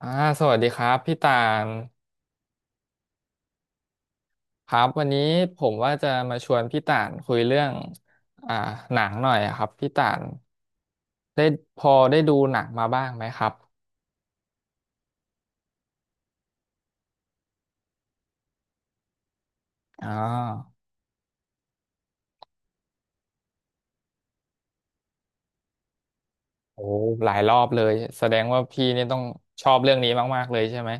อ่าสวัสดีครับพี่ตานครับวันนี้ผมว่าจะมาชวนพี่ตานคุยเรื่องอ่าหนังหน่อยอะครับพี่ตานได้พอได้ดูหนังมาบ้างไหมครับอ่อโอ้หลายรอบเลยแสดงว่าพี่เนี่ยต้องชอบเรื่องนี้มากๆเลยใช่ไหม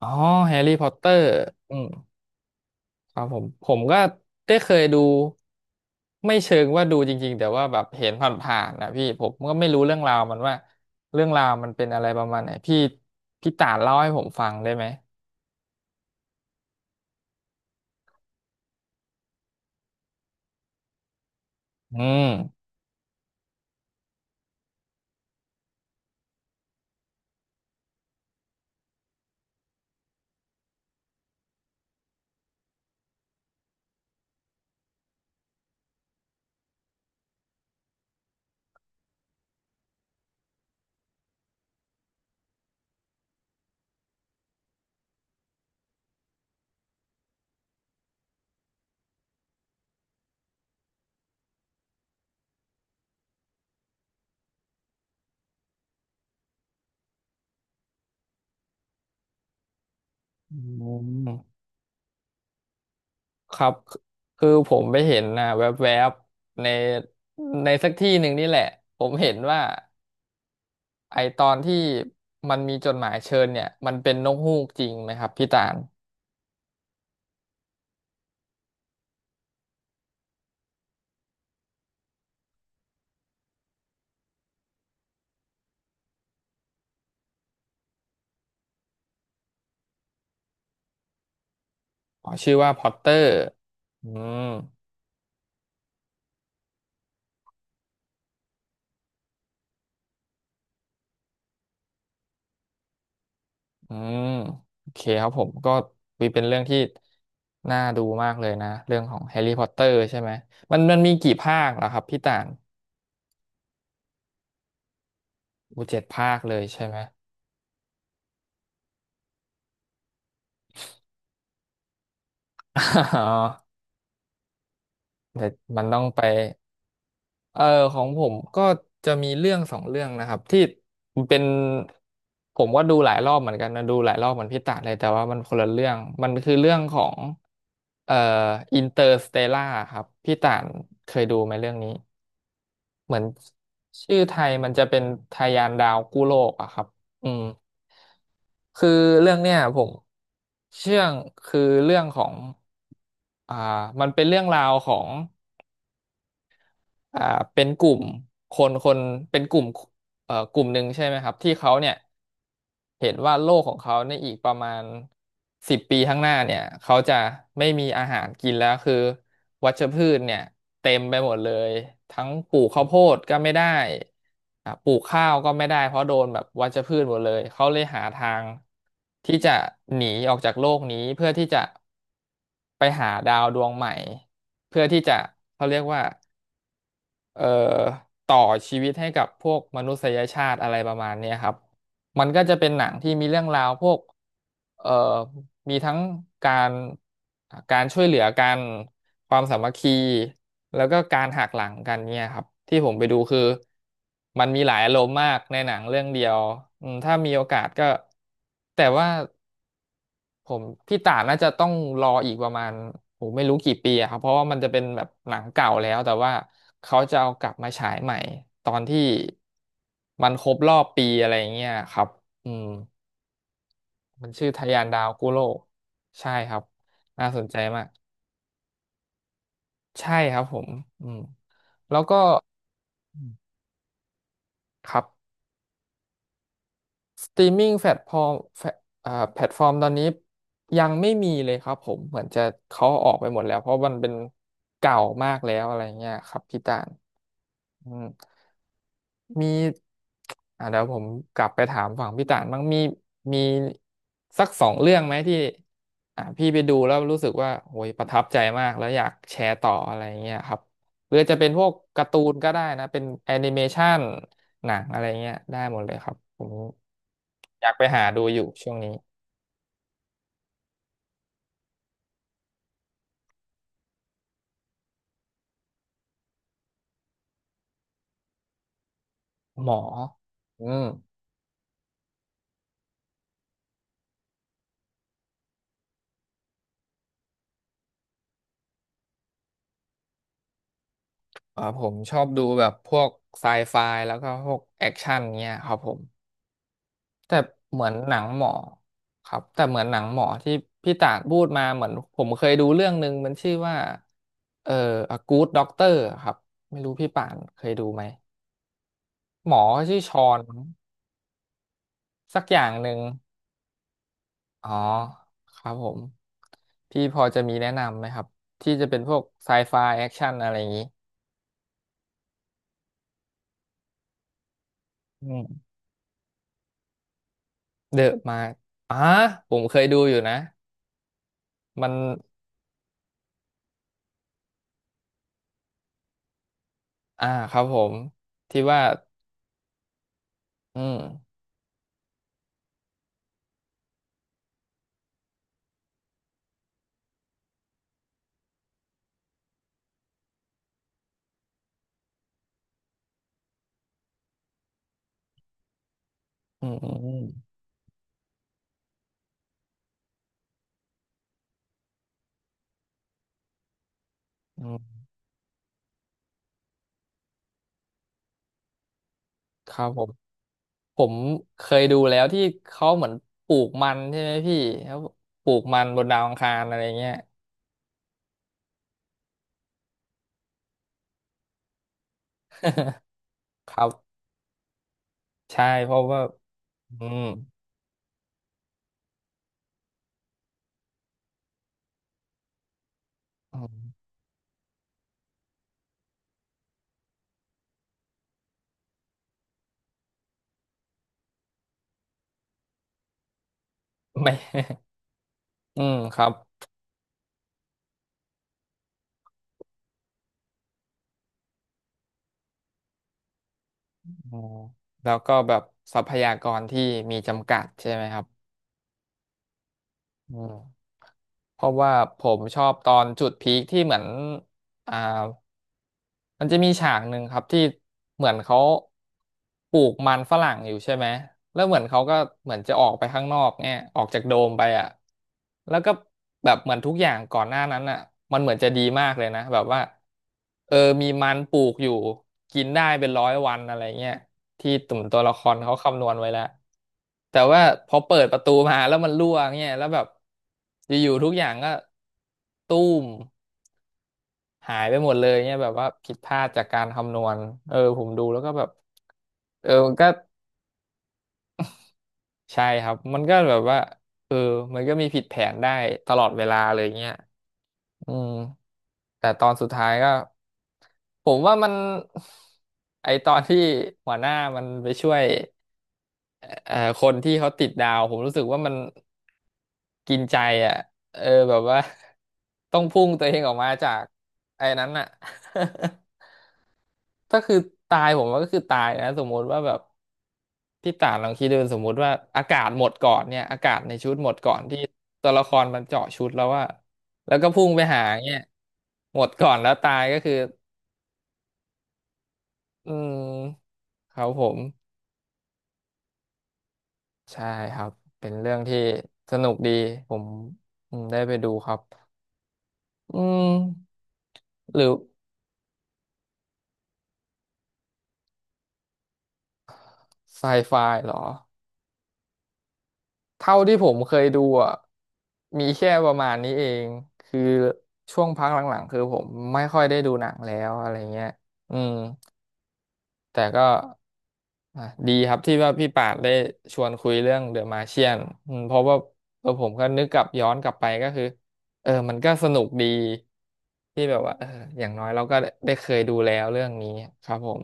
อ๋อแฮร์รี่พอตเตอร์อืม ครับผมผมก็ได้เคยดูไม่เชิงว่าดูจริงๆแต่ว่าแบบเห็นผ่านๆนะพี่ผมก็ไม่รู้เรื่องราวมันว่าเรื่องราวมันเป็นอะไรประมาณไหนพี่ต่านเล่าให้ผมฟังได้ไหมอืมอืมครับคคือผมไปเห็นนะแวบๆในในสักที่หนึ่งนี่แหละผมเห็นว่าไอตอนที่มันมีจดหมายเชิญเนี่ยมันเป็นนกฮูกจริงไหมครับพี่ตาลอ๋อชื่อว่าพอตเตอร์อืม อืมโอเคครับผมก็เป็นเรื่องที่น่าดูมากเลยนะเรื่องของแฮร์รี่พอตเตอร์ใช่ไหมมันมีกี่ภาคเหรอครับพี่ต่างอูเจ็ดภาคเลยใช่ไหมอ๋ อแต่มันต้องไปเออของผมก็จะมีเรื่องสองเรื่องนะครับที่เป็นผมก็ดูหลายรอบเหมือนกันนะดูหลายรอบเหมือนพี่ต่างเลยแต่ว่ามันคนละเรื่องมันคือเรื่องของเอ่ออินเตอร์สเตลล่าครับพี่ต่างเคยดูไหมเรื่องนี้ เหมือนชื่อไทยมันจะเป็นทะยานดาวกู้โลกอะครับอืมคือเรื่องเนี้ยผมเชื่องคือเรื่องของอ่ามันเป็นเรื่องราวของ อ่าเป็นกลุ่มคนเป็นกลุ่มกลุ่มหนึ่งใช่ไหมครับที่เขาเนี่ยเห็นว่าโลกของเขาในอีกประมาณ10 ปีข้างหน้าเนี่ยเขาจะไม่มีอาหารกินแล้วคือวัชพืชเนี่ยเต็มไปหมดเลยทั้งปลูกข้าวโพดก็ไม่ได้ปลูกข้าวก็ไม่ได้เพราะโดนแบบวัชพืชหมดเลยเขาเลยหาทางที่จะหนีออกจากโลกนี้เพื่อที่จะไปหาดาวดวงใหม่เพื่อที่จะเขาเรียกว่า เอ่อต่อชีวิตให้กับพวกมนุษยชาติอะไรประมาณเนี้ยครับมันก็จะเป็นหนังที่มีเรื่องราวพวกเอ่อมีทั้งการการช่วยเหลือกันความสามัคคีแล้วก็การหักหลังกันเนี่ยครับที่ผมไปดูคือมันมีหลายอารมณ์มากในหนังเรื่องเดียวอืมถ้ามีโอกาสก็แต่ว่า ผมพี่ต่าน่าจะต้องรออีกประมาณโหไม่รู้กี่ปีอะครับเพราะว่ามันจะเป็นแบบหนังเก่าแล้วแต่ว่าเขาจะเอากลับมาฉายใหม่ตอนที่มันครบรอบปีอะไรอย่างเงี้ยครับอืมมันชื่อทะยานดาวกุโลกใช่ครับน่าสนใจมากใช่ครับผมอืมแล้วก็อืมครับ สตรีมมิ่งแพลตฟอร์มแฟแพลตฟอร์มตอนนี้ยังไม่มีเลยครับผมเหมือนจะเขาออกไปหมดแล้วเพราะมันเป็นเก่ามากแล้วอะไรเงี้ยครับพี่ตาลอืมมีอ่ะเดี๋ยวผมกลับไปถามฝั่งพี่ต่านบ้างมีสักสองเรื่องไหมที่อ่ะพี่ไปดูแล้วรู้สึกว่าโอ้ยประทับใจมากแล้วอยากแชร์ต่ออะไรเงี้ยครับหรือจะเป็นพวกการ์ตูนก็ได้นะเป็นแอนิเมชัน หนังอะไรเงี้ยได้หมดเลยครับผมอยากไปหาดูอยู่ช่วงนี้หมออืมเออผมชอบดูแบบพวกไซไฟแล้วก็พวกแอคชั่นเงี้ยครับผมแต่เหมือนหนังหมอครับแต่เหมือนหนังหมอที่พี่ต่างพูดมาเหมือนผมเคยดูเรื่องหนึ่งมันชื่อว่าเอ่อ A Good Doctor ครับไม่รู้พี่ป่านเคยดูไหมหมอชื่อชอนสักอย่างหนึ่ง อ๋อครับผมพี่พอจะมีแนะนำไหมครับที่จะเป็นพวกไซไฟแอคชั่นอะไรอย่างนี้อืมเดอะมาอ่าผมเคยดูอยู่นะมันอ่าครับผมที่ว่าอืมอืมอืมอืมอืมครับผมผมเคยดูแล้วที่เขาเหมือนปลูกมันใช่ไหมพี่แล้วปลูกมันบนดาวอังคารอะไรเงี้ย ครับใช่เพราะว่าอืมอืม ไม่ อืมครับ อ๋อแล้วก็แบบทรัพยากรที่มีจำกัดใช่ไหมครับอืมเพราะว่าผมชอบตอนจุดพีคที่เหมือนอ่ามันจะมีฉากหนึ่งครับที่เหมือนเขาปลูกมันฝรั่งอยู่ใช่ไหมแล้วเหมือนเขาก็เหมือนจะออกไปข้างนอกเนี่ยออกจากโดมไปอ่ะแล้วก็แบบเหมือนทุกอย่างก่อนหน้านั้นอ่ะมันเหมือนจะดีมากเลยนะแบบว่า เออมีมันปลูกอยู่กินได้เป็นร้อยวันอะไรเงี้ยที่ตุ่มตัวละครเขาคำนวณไว้แล้วแต่ว่าพอเปิดประตูมาแล้วมันรั่วเงี้ยแล้วแบบอยู่ๆทุกอย่างก็ตู้มหายไปหมดเลยเงี้ยแบบว่าผิดพลาดจากการคำนวณผมดูแล้วก็แบบมันก็ใช่ครับมันก็แบบว่าเออมันก็มีผิดแผนได้ตลอดเวลาเลยเงี้ยอืมแต่ตอนสุดท้ายก็ ผมว่ามัน ไอตอนที่หัวหน้ามันไปช่วยเอ่อคนที่เขาติดดาวผมรู้สึกว่ามันกินใจอ่ะเออแบบว่า ต้องพุ่งตัวเองออกมาจากไอ้นั้นอ่ะ ถ้าคือตายผมว่าก็คือตายนะสมมติว่าแบบพี่ต่านลองคิดดูสมมติว่าอากาศหมดก่อนเนี่ยอากาศในชุดหมดก่อนที่ตัวละครมันเจาะชุดแล้วว่าแล้วก็พุ่งไปหาเนี่ยหมดก่อนแล้วตายก็คืออืมครับผม ใช่ครับ เป็นเรื่องที่สนุกดี ผมได้ไปดูครับอืมหรือไซไฟเหรอเท่าที่ผมเคยดูอ่ะมีแค่ประมาณนี้เอง คือช่วงพักหลังๆ คือผมไม่ค่อยได้ดูหนังแล้วอะไรเงี้ยอืม แต่ก็อ่ะดีครับที่ว่าพี่ปาดได้ชวนคุยเรื่องเดอะมาเชียนเพราะว่าผมก็นึกกลับย้อนกลับไปก็คือมันก็สนุกดีที่แบบว่าอย่างน้อยเราก็ได้เคยดูแล้วเรื่องนี้ครับผม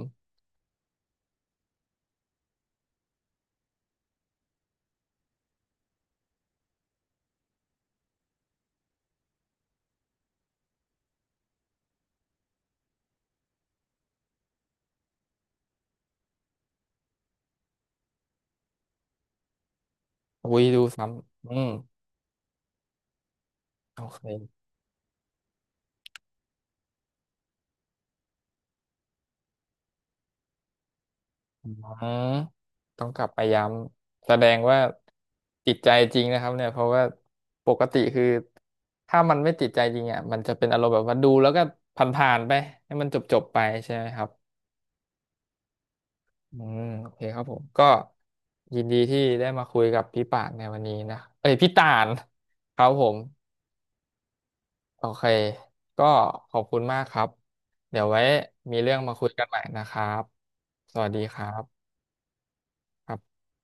อุ้ยดูซ้ำอืมโอเคอืมต้องกลับไปย้ำแสดงว่าติดใจจริงนะครับเนี่ยเพราะว่าปกติคือถ้ามันไม่ติดใจจริงอ่ะมันจะเป็นอารมณ์แบบว่าดูแล้วก็ผ่านๆไปให้มันจบๆไปใช่ไหมครับ อืมโอเคครับผมก็ยินดีที่ได้มาคุยกับพี่ป่านในวันนี้นะเอ้ยพี่ต่านครับผมโอเคก็ขอบคุณมากครับเดี๋ยวไว้มีเรื่องมาคุยกันใหม่นะครับสวัสดีครับ